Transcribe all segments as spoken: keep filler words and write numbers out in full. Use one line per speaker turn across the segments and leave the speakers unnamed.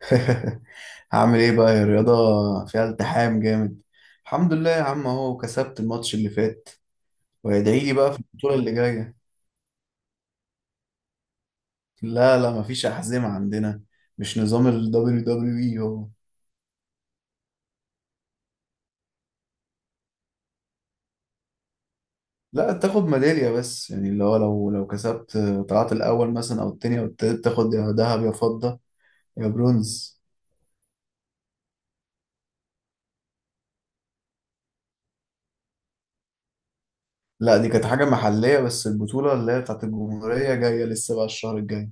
هعمل ايه بقى يا رياضة؟ فيها التحام جامد. الحمد لله يا عم اهو كسبت الماتش اللي فات، وادعي لي بقى في البطولة اللي جاية. لا لا، مفيش أحزمة عندنا. مش نظام ال W W E هو؟ لا، تاخد ميدالية بس، يعني اللي هو لو لو كسبت، طلعت الأول مثلا أو التاني أو التالت، تاخد يا ذهب يا فضة يا برونز. لا دي كانت حاجة محلية، بس البطولة اللي هي بتاعت الجمهورية جاية لسه بقى الشهر الجاي.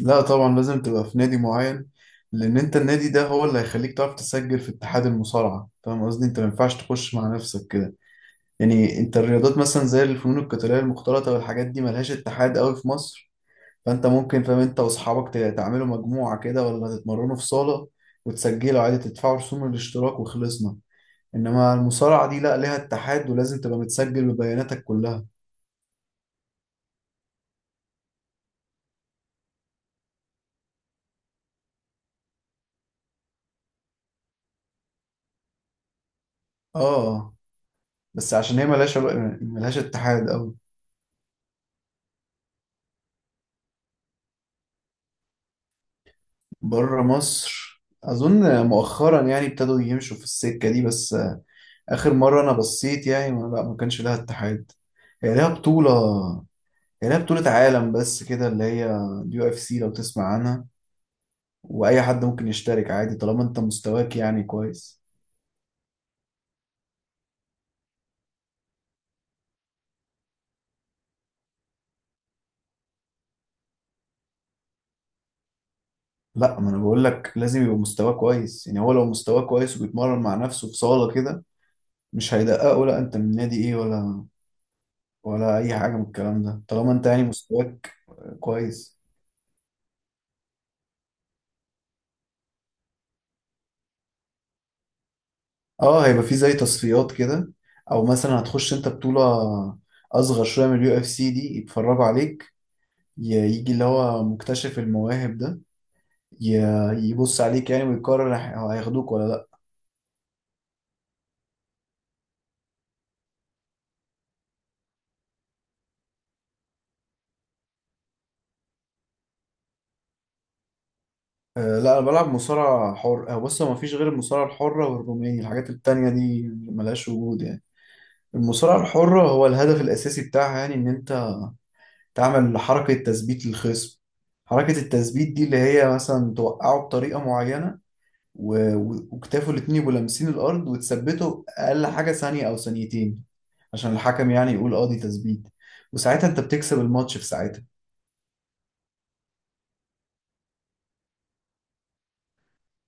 لا طبعا لازم تبقى في نادي معين، لان انت النادي ده هو اللي هيخليك تعرف تسجل في اتحاد المصارعه، فاهم قصدي؟ انت ما ينفعش تخش مع نفسك كده. يعني انت الرياضات مثلا زي الفنون القتاليه المختلطه والحاجات دي ملهاش اتحاد قوي في مصر، فانت ممكن، فاهم، انت واصحابك ت- تعملوا مجموعه كده ولا تتمرنوا في صاله، وتسجلوا عادي، تدفعوا رسوم الاشتراك وخلصنا. انما المصارعه دي لا، ليها اتحاد ولازم تبقى متسجل ببياناتك كلها. اه بس عشان هي ملهاش علاقة- ملهاش اتحاد. بره مصر اظن مؤخرا يعني ابتدوا يمشوا في السكه دي بس. اخر مره انا بصيت، يعني ما, لا ما كانش لها اتحاد. هي لها بطوله هي لها بطوله عالم بس كده، اللي هي اليو اف سي، لو تسمع عنها. واي حد ممكن يشترك عادي طالما انت مستواك يعني كويس. لا، ما انا بقول لك لازم يبقى مستواه كويس، يعني هو لو مستواه كويس وبيتمرن مع نفسه في صاله كده، مش هيدققه لا انت من نادي ايه ولا ولا اي حاجه من الكلام ده، طالما انت يعني مستواك كويس. اه هيبقى في زي تصفيات كده، او مثلا هتخش انت بطولة اصغر شوية من اليو اف سي، دي يتفرجوا عليك، ي- يجي اللي هو مكتشف المواهب ده ي- يبص عليك يعني ويقرر هي- هياخدوك ولا لا. آه، لا انا بلعب مصارعة حر. آه، بص هو مفيش غير المصارعة الحرة والروماني، الحاجات التانية دي ملهاش وجود يعني. المصارعة الحرة هو الهدف الاساسي بتاعها، يعني ان انت تعمل حركة تثبيت للخصم. حركة التثبيت دي اللي هي مثلا توقعه بطريقة معينة، و- و- وكتافه الاتنين يبقوا لامسين الارض وتثبته اقل حاجه ثانيه او ثانيتين، عشان الحكم يعني يقول اه دي تثبيت. وساعتها انت بتكسب الماتش، في ساعتها.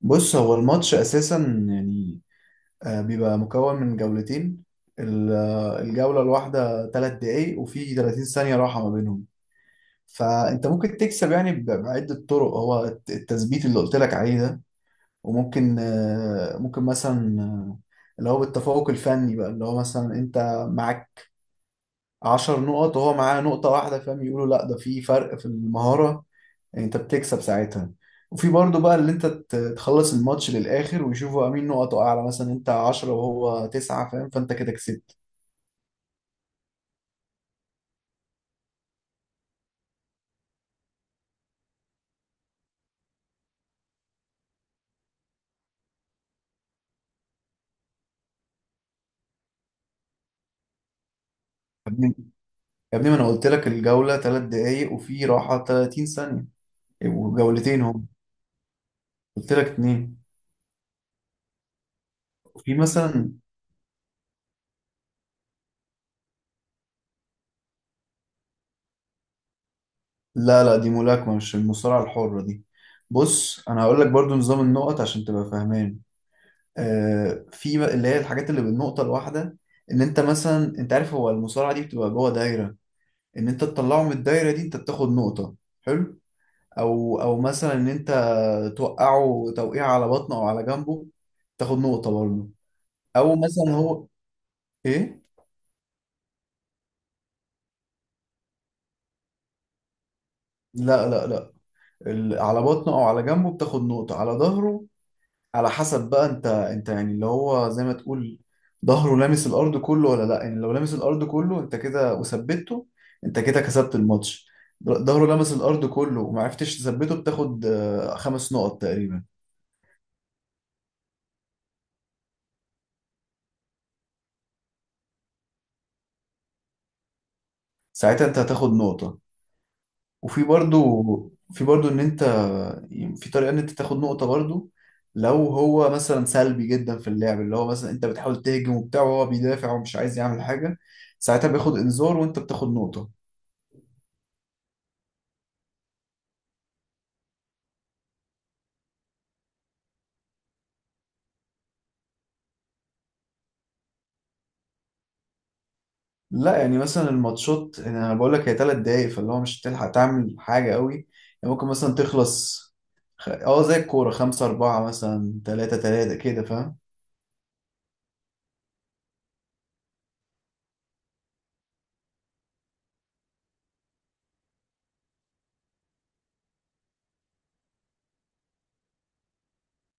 بص هو الماتش اساسا يعني، آه، بيبقى مكون من جولتين. ال- آه، الجوله الواحده ثلاث دقايق، وفي ثلاثين ثانيه راحه ما بينهم. فانت ممكن تكسب يعني ب- بعده طرق: هو الت- التثبيت اللي قلت لك عليه ده، وممكن آه، ممكن مثلا آه، اللي هو بالتفوق الفني بقى، اللي هو مثلا انت معاك عشر نقط وهو معاه نقطة واحدة، فاهم؟ يقولوا لا ده في فرق في المهارة، يعني انت بتكسب ساعتها. وفي برضه بقى اللي انت ت- تخلص الماتش للآخر ويشوفوا مين نقطه أعلى، مثلا انت عشر وهو تسعة، فاهم؟ فانت كده كسبت. يا ابني، يا ابني، ما انا قلت لك الجولة ثلاث دقايق وفي راحة ثلاثين ثانية، وجولتين هم. قلت لك اتنين. وفي مثلا، لا لا دي ملاكمة، مش المصارعة الحرة دي. بص انا هقول لك برضو نظام النقط عشان تبقى فاهمان. آه، في بقى اللي هي الحاجات اللي بالنقطة الواحدة: ان انت مثلا، انت عارف هو المصارعة دي بتبقى جوه دايرة، ان انت تطلعه من الدايرة دي، انت بتاخد نقطة. حلو. او او مثلا ان انت توقعه توقيع على بطنه او على جنبه، تاخد نقطة برضه. او مثلا هو، ايه، لا لا لا، ال- على بطنه او على جنبه بتاخد نقطة. على ظهره، على حسب بقى انت انت يعني اللي هو زي ما تقول ظهره لامس الارض كله ولا لا. يعني لو لامس الارض كله انت كده وثبته، انت كده كسبت الماتش. ظهره لامس الارض كله ومعرفتش تثبته، بتاخد آه، خمس نقط تقريبا. ساعتها انت هتاخد نقطة. وفي برضو في برضو ان انت، يعني في طريقة ان انت تاخد نقطة برضو: لو هو مثلا سلبي جدا في اللعب، اللي هو مثلا انت بتحاول تهجم وبتاع وهو بيدافع ومش عايز يعمل حاجة، ساعتها بياخد انذار وانت بتاخد نقطة. لا يعني مثلا الماتشات، يعني انا بقول لك هي ثلاث دقايق، فاللي هو مش هتلحق تعمل حاجه قوي. يعني ممكن مثلا تخلص، خ- اه زي الكوره خمسة أربعة مثلا، تلاتة تلاتة كده، فاهم.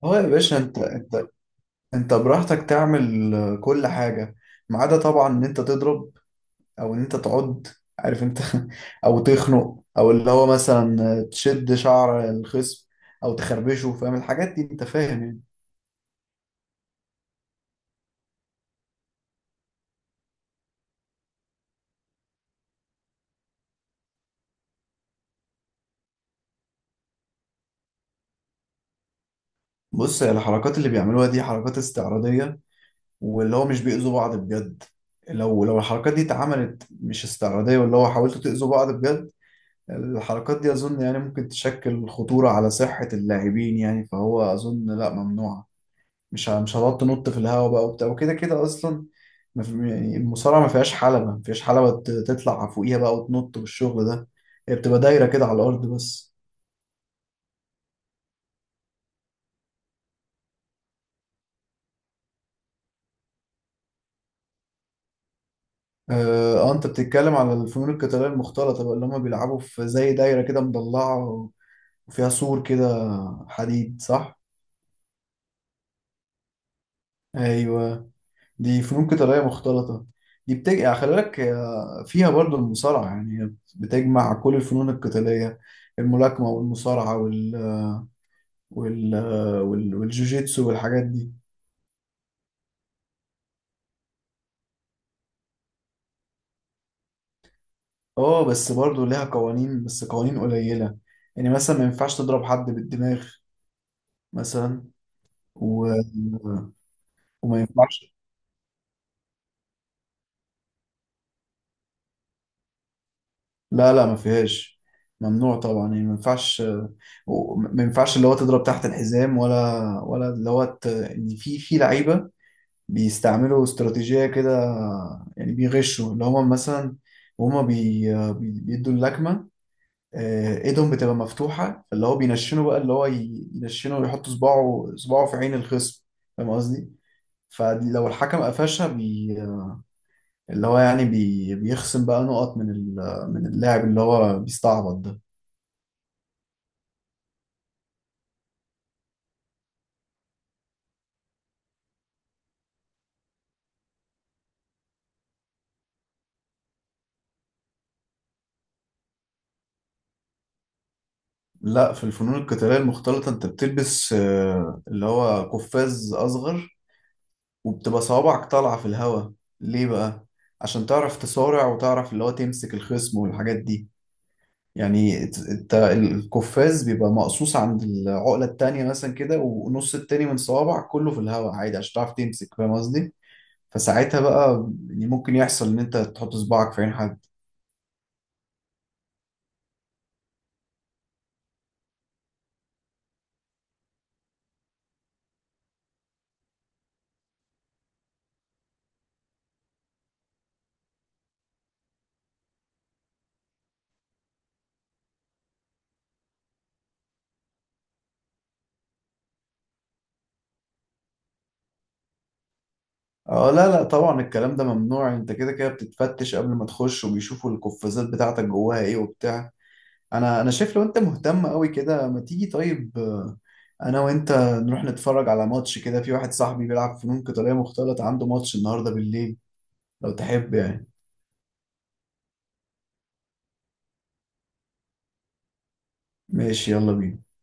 اه يا باشا، انت انت انت براحتك تعمل كل حاجه، ما عدا طبعا ان انت تضرب او ان انت تعض، عارف انت، او تخنق، او اللي هو مثلا تشد شعر الخصم او تخربشه، فاهم الحاجات دي؟ انت فاهم يعني. بص الحركات اللي بيعملوها دي حركات استعراضيه، واللي هو مش بيأذوا بعض بجد. لو لو الحركات دي اتعملت مش استعراضية، واللي هو حاولتوا تأذوا بعض بجد، الحركات دي أظن يعني ممكن تشكل خطورة على صحة اللاعبين، يعني فهو أظن لا ممنوعة. مش ه- مش هتقعد تنط في الهواء بقى وبتاع، وكده كده أصلا ما في يعني، المصارعة ما فيهاش حلبة ما فيهاش حلبة ت- تطلع فوقيها بقى وتنط والشغل ده. هي بتبقى دايرة كده على الأرض بس. اه آه، انت بتتكلم على الفنون القتالية المختلطة بقى، اللي هم بيلعبوا في زي دايرة كده مضلعة وفيها سور كده، حديد، صح. ايوه، دي فنون قتاليه مختلطه. دي بتجمع يعني، خلي بالك، آه، فيها برضو المصارعه يعني. هي بتجمع كل الفنون القتاليه: الملاكمه والمصارعه وال وال آه، وال- والجوجيتسو والحاجات دي. اه بس برضو ليها قوانين، بس قوانين قليله. يعني مثلا ما ينفعش تضرب حد بالدماغ مثلا. و... وما ينفعش. لا لا ما فيهاش. ممنوع طبعا، يعني ما ينفعش. و- ما ينفعش اللي هو تضرب تحت الحزام، ولا ولا اللي هو ت- يعني في في لعيبه بيستعملوا استراتيجيه كده، يعني بيغشوا. اللي هم مثلا وهم بي بي- بيدوا اللكمه، آه، ايدهم بتبقى مفتوحه، اللي هو بينشنوا بقى، اللي هو ي- ينشنوا ويحط صباعه صباعه في عين الخصم، فاهم قصدي؟ فلو الحكم قفشها بي اللي هو يعني بي بيخصم بقى نقط من ال- من اللاعب اللي هو بيستعبط ده. لا، في الفنون القتالية المختلطة انت بتلبس آه، اللي هو قفاز اصغر، وبتبقى صوابعك طالعة في الهواء. ليه بقى؟ عشان تعرف تصارع وتعرف اللي هو تمسك الخصم والحاجات دي. يعني ات- انت القفاز بيبقى مقصوص عند العقلة التانية مثلا كده، ونص التاني من صوابعك كله في الهواء عادي، عشان تعرف تمسك، فاهم قصدي؟ فساعتها بقى يعني ممكن يحصل ان انت تحط صباعك في عين حد. اه لا لا طبعا الكلام ده ممنوع، انت كده كده بتتفتش قبل ما تخش، وبيشوفوا القفازات بتاعتك جواها ايه وبتاع. انا انا شايف لو انت مهتم قوي كده، ما تيجي طيب، آه، انا وانت نروح نتفرج على ماتش كده، في واحد صاحبي بيلعب فنون قتالية مختلطة عنده ماتش النهاردة بالليل، لو تحب يعني. ماشي، يلا بينا.